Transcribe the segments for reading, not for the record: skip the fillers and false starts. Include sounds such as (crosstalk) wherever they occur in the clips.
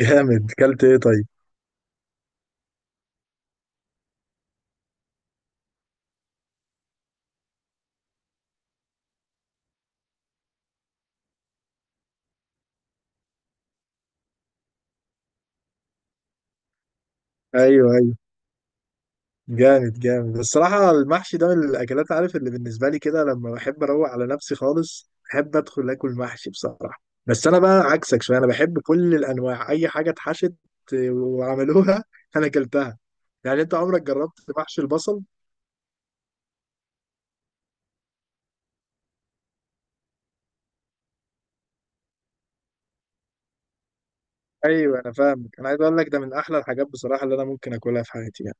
جامد، كلت ايه طيب؟ ايوه ايوه، جامد جامد الصراحه. المحشي ده من الاكلات، عارف، اللي بالنسبه لي كده لما بحب اروق على نفسي خالص بحب ادخل اكل محشي بصراحه. بس انا بقى عكسك شويه، انا بحب كل الانواع، اي حاجه اتحشت وعملوها (laughs) انا اكلتها. يعني انت عمرك جربت محشي البصل؟ ايوه انا فاهمك، انا عايز اقول لك ده من احلى الحاجات بصراحه اللي انا ممكن اكلها في حياتي يعني.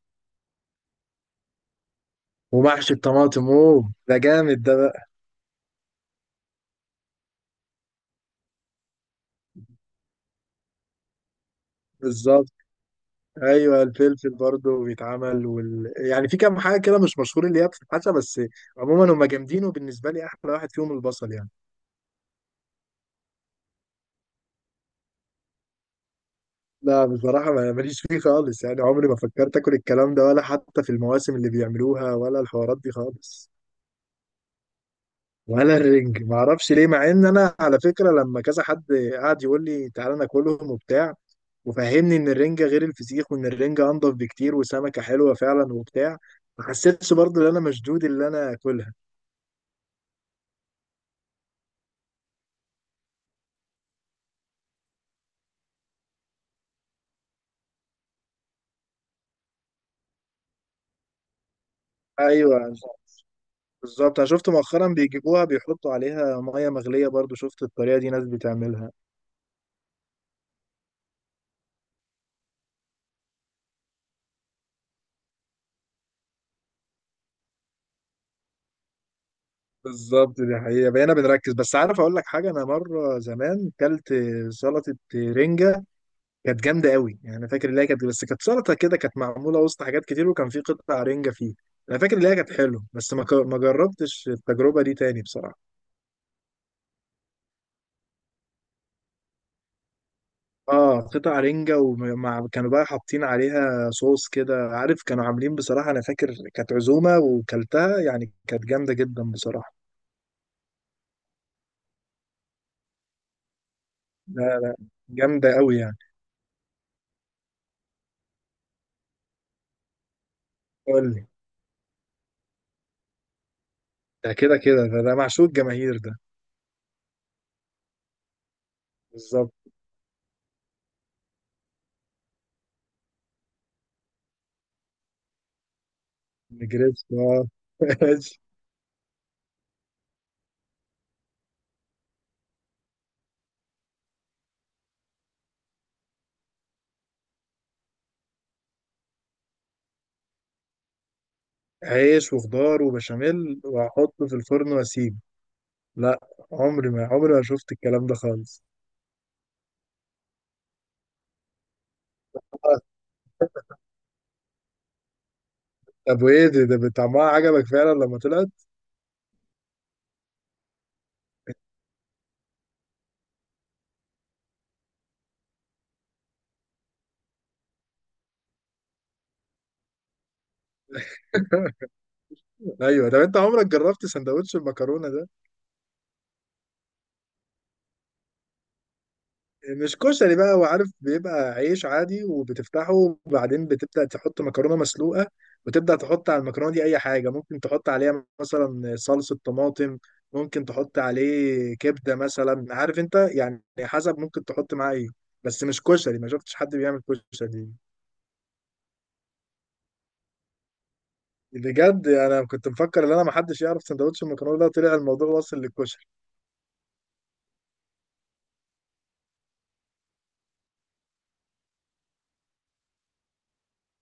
ومحشي الطماطم اوه ده جامد ده بقى. بالظبط. ايوه الفلفل برضه بيتعمل يعني في كام حاجه كده مش مشهور اللي هي بتتحشى بس. عموما هم جامدين، وبالنسبه لي احلى واحد فيهم البصل يعني. لا بصراحه ماليش فيه خالص، يعني عمري ما فكرت اكل الكلام ده ولا حتى في المواسم اللي بيعملوها ولا الحوارات دي خالص. ولا الرنج، ما اعرفش ليه، مع ان انا على فكره لما كذا حد قعد يقول لي تعالى ناكلهم وبتاع وفهمني ان الرنجة غير الفسيخ وان الرنجة انضف بكتير وسمكة حلوة فعلا وبتاع، ما حسيتش برضه ان انا مشدود اللي انا اكلها. ايوه بالظبط، انا شفت مؤخرا بيجيبوها بيحطوا عليها ميه مغليه برضو، شفت الطريقه دي ناس بتعملها. بالظبط، دي حقيقة بقينا بنركز. بس عارف اقول لك حاجة، انا مرة زمان كلت سلطة رنجة، كانت جامدة قوي يعني. انا فاكر ان هي كانت، بس كانت سلطة كده، كانت معمولة وسط حاجات كتير وكان في قطع رنجة فيه. انا فاكر ان هي كانت حلوة، بس ما جربتش التجربة دي تاني بصراحة. اه قطع رنجة، ومع كانوا بقى حاطين عليها صوص كده، عارف، كانوا عاملين بصراحة. انا فاكر كانت عزومة وكلتها، يعني كانت جامدة جدا بصراحة. لا لا، جامدة قوي يعني. قول لي. ده كده كده ده معشوق الجماهير ده. بالظبط. نجريسكو آه. (laughs) ماشي. عيش وخضار وبشاميل واحطه في الفرن واسيبه؟ لا، عمري ما شفت الكلام ده خالص. آه. طب وايه ده, ده طعمها عجبك فعلا لما طلعت؟ (laughs) ايوه، طب انت عمرك جربت سندوتش المكرونه ده؟ مش كشري بقى، هو عارف، بيبقى عيش عادي وبتفتحه وبعدين بتبدأ تحط مكرونة مسلوقة، وتبدأ تحط على المكرونة دي أي حاجة ممكن تحط عليها، مثلا صلصة طماطم، ممكن تحط عليه كبدة مثلا، عارف أنت يعني، حسب ممكن تحط معاه إيه. بس مش كشري، ما شفتش حد بيعمل كشري. بجد أنا كنت مفكر إن أنا محدش يعرف سندوتش المكرونة ده، طلع الموضوع واصل للكشري.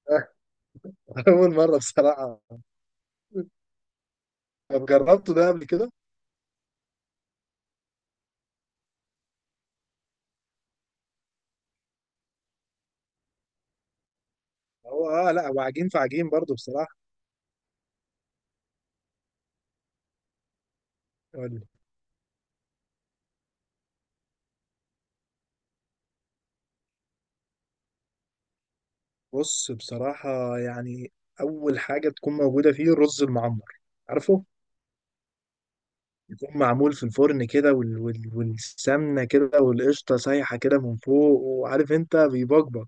(laughs) أول مرة بصراحة. طب جربته ده قبل كده؟ هو اه لا، هو عجين في عجين برضه. بصراحة، بص بصراحة يعني أول حاجة تكون موجودة فيه الرز المعمر، عارفه؟ يكون معمول في الفرن كده والسمنة كده والقشطة سايحة كده من فوق، وعارف أنت بيبقبق.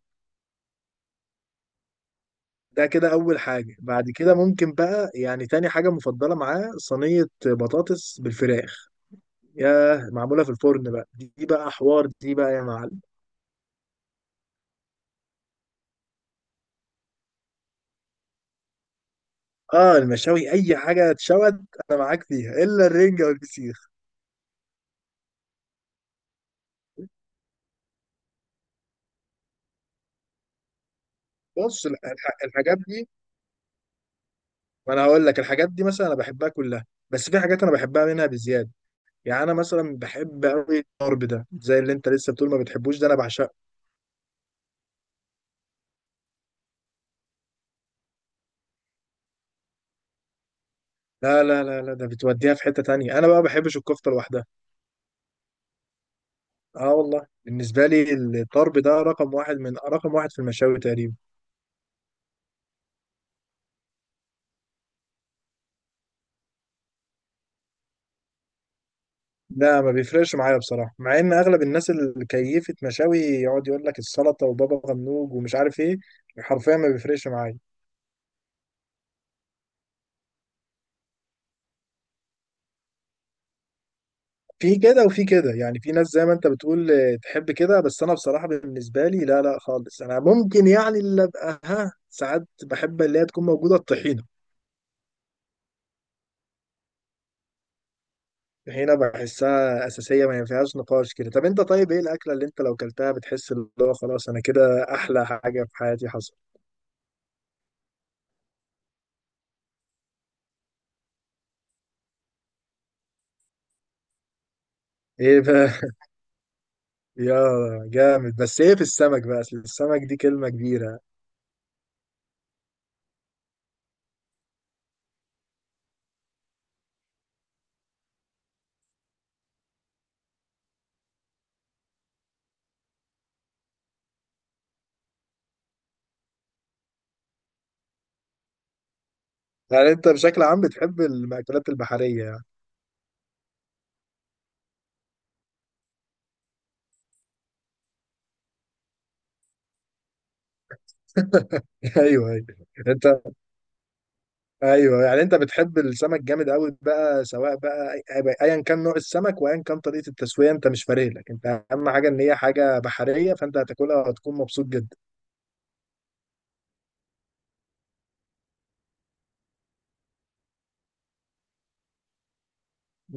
ده كده أول حاجة. بعد كده ممكن بقى يعني تاني حاجة مفضلة معاه صينية بطاطس بالفراخ، ياه معمولة في الفرن بقى، دي بقى حوار، دي بقى يا معلم. اه المشاوي أي حاجة اتشوت، أنا معاك فيها إلا الرنجة والفسيخ. بص الحاجات دي، ما انا هقول لك الحاجات دي مثلا انا بحبها كلها، بس في حاجات انا بحبها منها بزياده. يعني انا مثلا بحب قوي الضرب ده، زي اللي انت لسه بتقول ما بتحبوش، ده انا بعشقه. لا لا لا لا، ده بتوديها في حته تانية، انا بقى ما بحبش الكفته لوحدها. اه والله، بالنسبه لي الضرب ده رقم واحد من رقم واحد في المشاوي تقريبا. لا ما بيفرقش معايا بصراحه، مع ان اغلب الناس اللي كيفت مشاوي يقعد يقول لك السلطه وبابا غنوج ومش عارف ايه، حرفيا ما بيفرقش معايا. في كده وفي كده يعني، في ناس زي ما انت بتقول تحب كده، بس انا بصراحة بالنسبة لي لا لا خالص، انا ممكن يعني اللي ابقى ها ساعات بحب اللي هي تكون موجودة الطحينة. الطحينة بحسها أساسية ما فيهاش نقاش كده. طب انت طيب ايه الأكلة اللي انت لو كلتها بتحس اللي هو خلاص انا كده أحلى حاجة في حياتي حصل؟ ايه بقى؟ (laughs) يا جامد، بس ايه في السمك بقى، اصل السمك دي كلمة كبيرة. يعني انت بشكل عام بتحب المأكولات البحرية يعني؟ (laughs) ايوه ايوه. انت ايوه يعني انت بتحب السمك جامد قوي بقى، سواء بقى ايا كان نوع السمك وايا كان طريقه التسويه، انت مش فارق لك انت، اهم حاجه ان هي حاجه بحريه فانت هتاكلها وهتكون مبسوط جدا.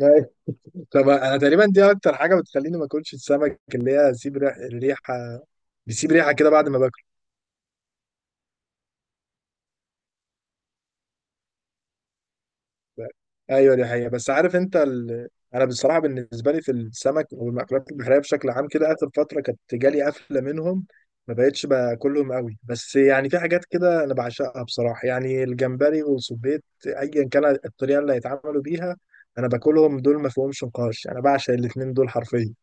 أيوة. طب انا تقريبا دي اكتر حاجه بتخليني ما اكلش السمك، اللي هي سيب ريحه، بيسيب ريحه كده بعد ما باكله. ايوه دي حقيقة. بس عارف انت انا بصراحة بالنسبة لي في السمك والمأكولات البحرية بشكل عام كده، اخر فترة كانت جالي قفلة منهم، ما بقتش باكلهم قوي. بس يعني في حاجات كده انا بعشقها بصراحة، يعني الجمبري والسبيط ايا كان الطريقة اللي هيتعملوا بيها، انا باكلهم دول ما فيهمش نقاش، انا بعشق الاتنين دول حرفيا.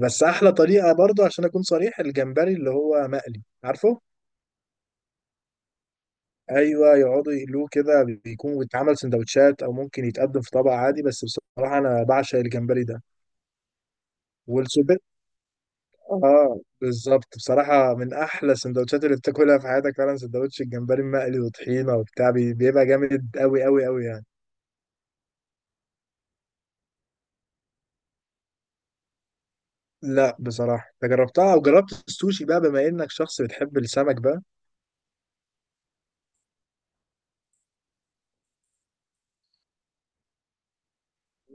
بس احلى طريقة برضو عشان اكون صريح الجمبري اللي هو مقلي، عارفه؟ ايوه يقعدوا يقلوه كده، بيكون بيتعمل سندوتشات او ممكن يتقدم في طبق عادي، بس بصراحه انا بعشق الجمبري ده. والسوبيت، اه بالظبط، بصراحه من احلى السندوتشات اللي بتاكلها في حياتك فعلا سندوتش الجمبري المقلي وطحينه وبتاع، بيبقى جامد قوي قوي قوي يعني. لا بصراحه، انت جربتها، او جربت السوشي بقى بما انك شخص بتحب السمك بقى؟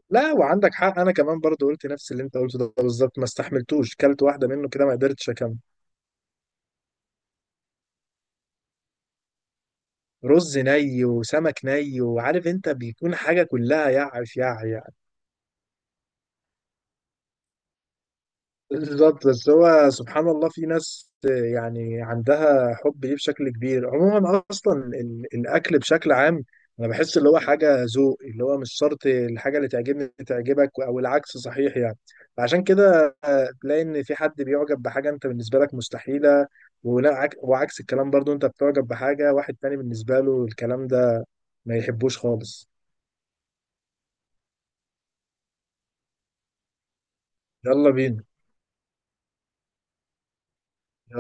لا وعندك حق، انا كمان برضو قلت نفس اللي انت قلته ده بالظبط، ما استحملتوش، كلت واحده منه كده ما قدرتش اكمل. رز ني وسمك ني وعارف انت بيكون حاجة كلها يعف يع يعني. بالظبط. بس هو سبحان الله في ناس يعني عندها حب ليه بشكل كبير. عموما اصلا الاكل بشكل عام انا بحس اللي هو حاجة ذوق، اللي هو مش شرط الحاجة اللي تعجبني تعجبك او العكس صحيح يعني. فعشان كده تلاقي ان في حد بيعجب بحاجة انت بالنسبة لك مستحيلة، ولا وعكس الكلام برضو انت بتعجب بحاجة واحد تاني بالنسبة له الكلام ده ما يحبوش خالص. يلا بينا. يلا.